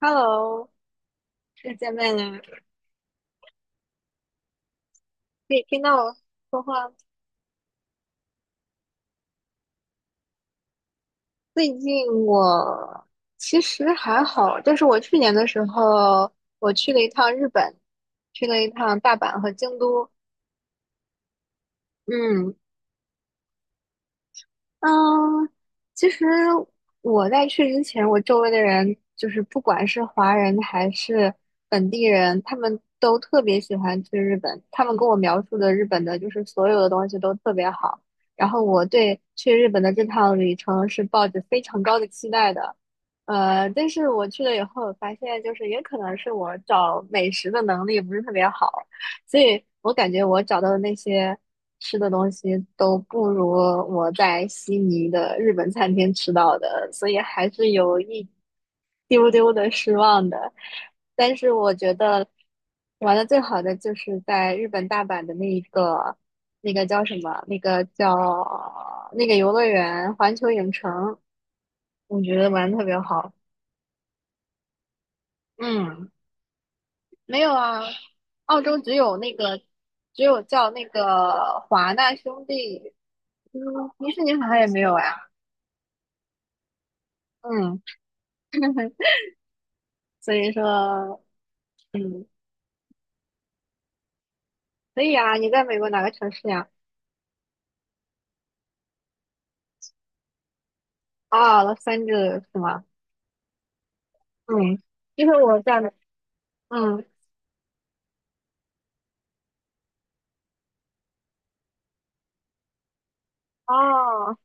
Hello，又见面了，可以听到我说话吗？最近我其实还好，就是我去年的时候，我去了一趟日本，去了一趟大阪和京都。嗯。嗯。其实我在去之前，我周围的人就是不管是华人还是本地人，他们都特别喜欢去日本。他们跟我描述的日本的，就是所有的东西都特别好。然后我对去日本的这趟旅程是抱着非常高的期待的。但是我去了以后，我发现就是也可能是我找美食的能力不是特别好。所以我感觉我找到的那些吃的东西都不如我在悉尼的日本餐厅吃到的，所以还是有一丢丢的失望的。但是我觉得玩的最好的就是在日本大阪的那一个，那个叫什么？那个叫那个游乐园环球影城，我觉得玩的特别好。嗯。没有啊，澳洲只有那个，只有叫那个华纳兄弟，嗯，迪士尼好像也没有呀。嗯。所以说，嗯，可以啊。你在美国哪个城市呀？啊？哦，洛杉矶是吗？嗯。因为我在，嗯，哦，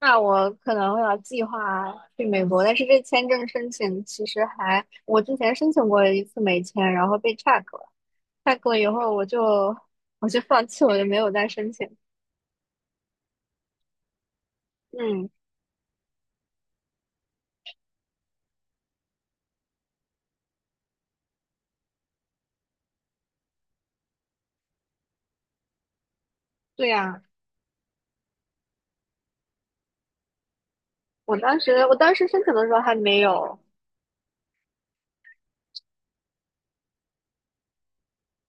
那我可能会要计划去美国，但是这签证申请其实还，我之前申请过一次美签，然后被 check 了，check 了以后我就放弃，我就没有再申请。嗯。对呀。我当时申请的时候还没有。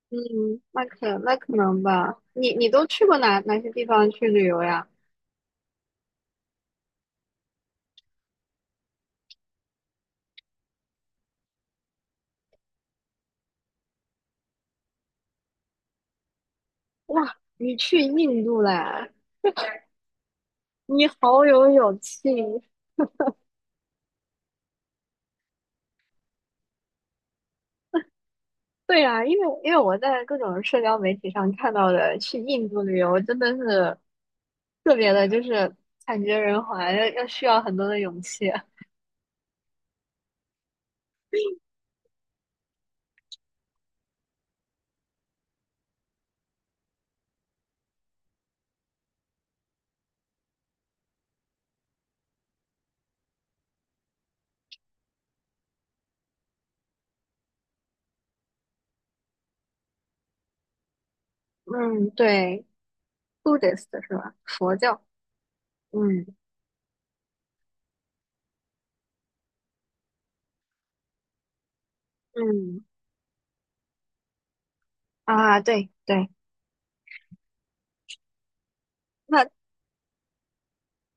嗯。那可能吧。你都去过哪些地方去旅游呀？哇，你去印度了，你好有勇气。对呀，因为我在各种社交媒体上看到的去印度旅游真的是特别的，就是惨绝人寰，需要很多的勇气。嗯，对，Buddhist 是吧？佛教。嗯。嗯。啊，对对。那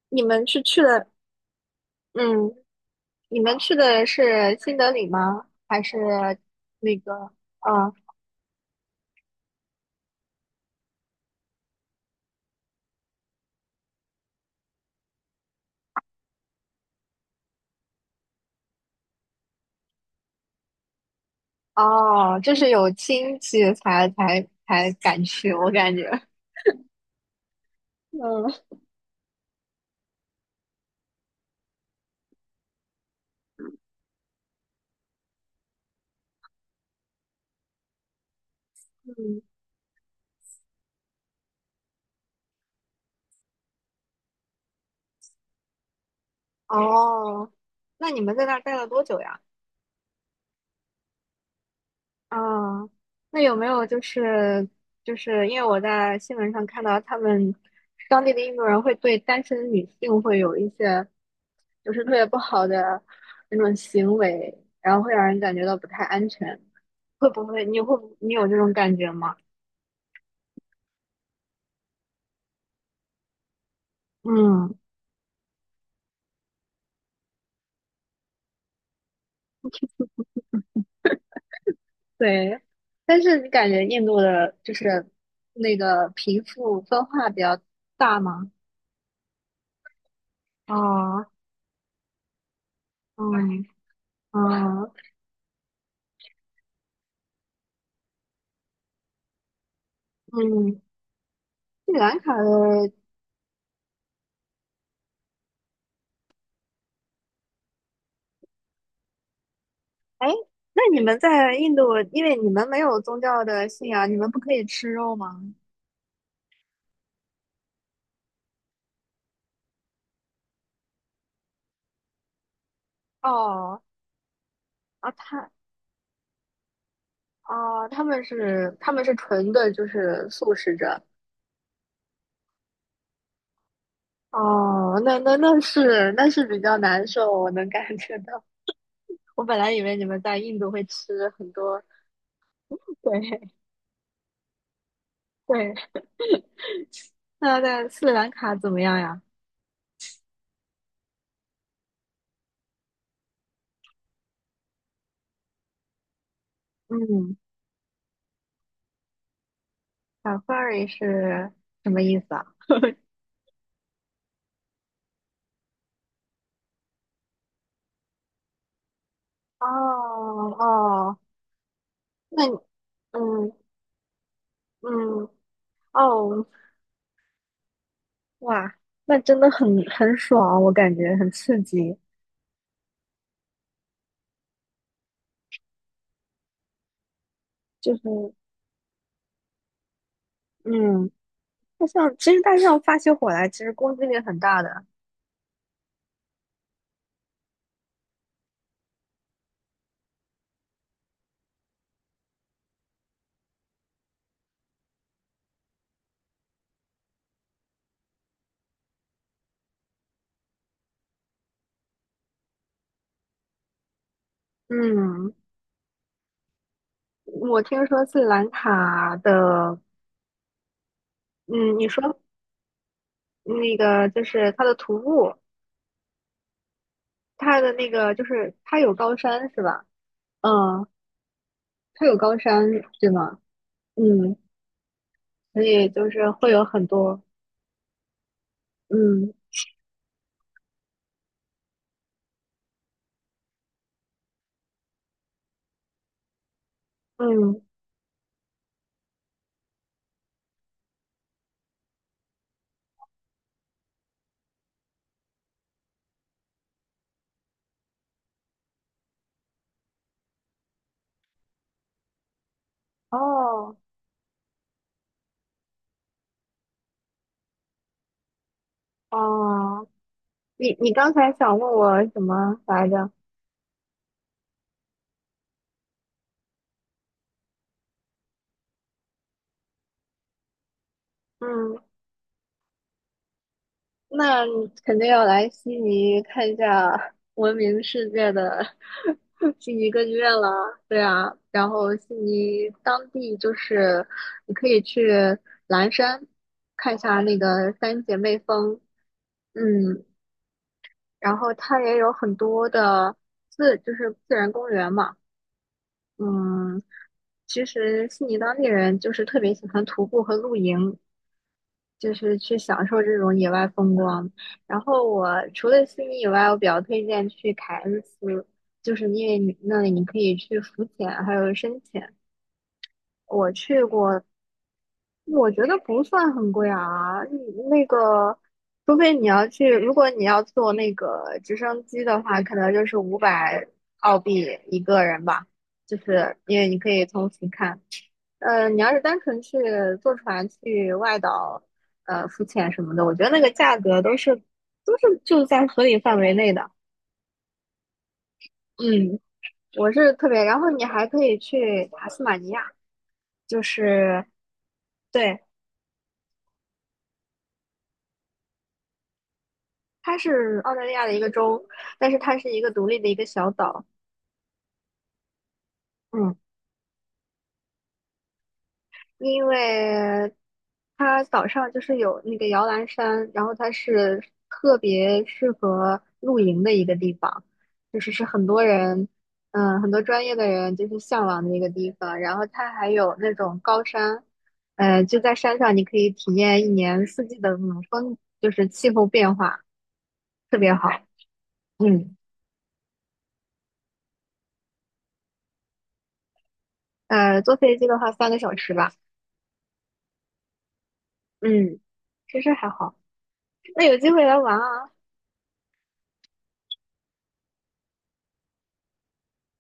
你们是去了。嗯。你们去的是新德里吗？还是那个？嗯。哦，就是有亲戚才敢去，我感觉。嗯。嗯。哦。那你们在那儿待了多久呀？啊，那有没有就是因为我在新闻上看到他们当地的印度人会对单身女性会有一些就是特别不好的那种行为，然后会让人感觉到不太安全，会不会你有这种感觉吗？嗯，对。但是你感觉印度的就是那个贫富分化比较大吗？哦。嗯。哦。嗯。斯里兰卡的。哎，那你们在印度，因为你们没有宗教的信仰，你们不可以吃肉吗？哦。啊。哦，他们是纯的，就是素食者。哦，那是比较难受，我能感觉到。我本来以为你们在印度会吃很多。对。对。 那在斯里兰卡怎么样呀？嗯，safari 是什么意思啊？哦。哦，那你。嗯。嗯。哦。哇。那真的很爽，我感觉很刺激。就是。嗯。大象其实大象发起火来，其实攻击力很大的。嗯，我听说斯里兰卡的。嗯，你说那个就是它的徒步，它的那个就是它有高山是吧？嗯，它有高山对吗？嗯，所以就是会有很多。嗯。嗯。哦。哦。你刚才想问我什么来着？嗯，那你肯定要来悉尼看一下 闻名世界的 悉尼歌剧院了。对啊，然后悉尼当地就是你可以去蓝山看一下那个三姐妹峰，嗯，然后它也有很多的就是自然公园嘛。嗯。其实悉尼当地人就是特别喜欢徒步和露营，就是去享受这种野外风光。然后我除了悉尼以外，我比较推荐去凯恩斯，就是因为你那里你可以去浮潜，还有深潜。我去过。我觉得不算很贵啊。嗯，那个，除非你要去，如果你要坐那个直升机的话，可能就是500澳币一个人吧，就是因为你可以从俯看。你要是单纯去坐船去外岛，浮潜什么的，我觉得那个价格都是就在合理范围内的。嗯，我是特别，然后你还可以去塔斯马尼亚，就是对，它是澳大利亚的一个州，但是它是一个独立的一个小岛。嗯，因为它岛上就是有那个摇篮山，然后它是特别适合露营的一个地方，就是是很多人，嗯，很多专业的人就是向往的一个地方。然后它还有那种高山，就在山上你可以体验一年四季的那种风，就是气候变化，特别好。嗯。坐飞机的话3个小时吧。嗯，其实还好。那有机会来玩啊。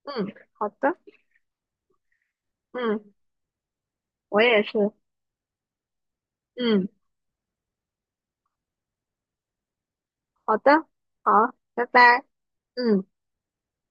嗯，好的。嗯。我也是。嗯，好的，好，拜拜。嗯。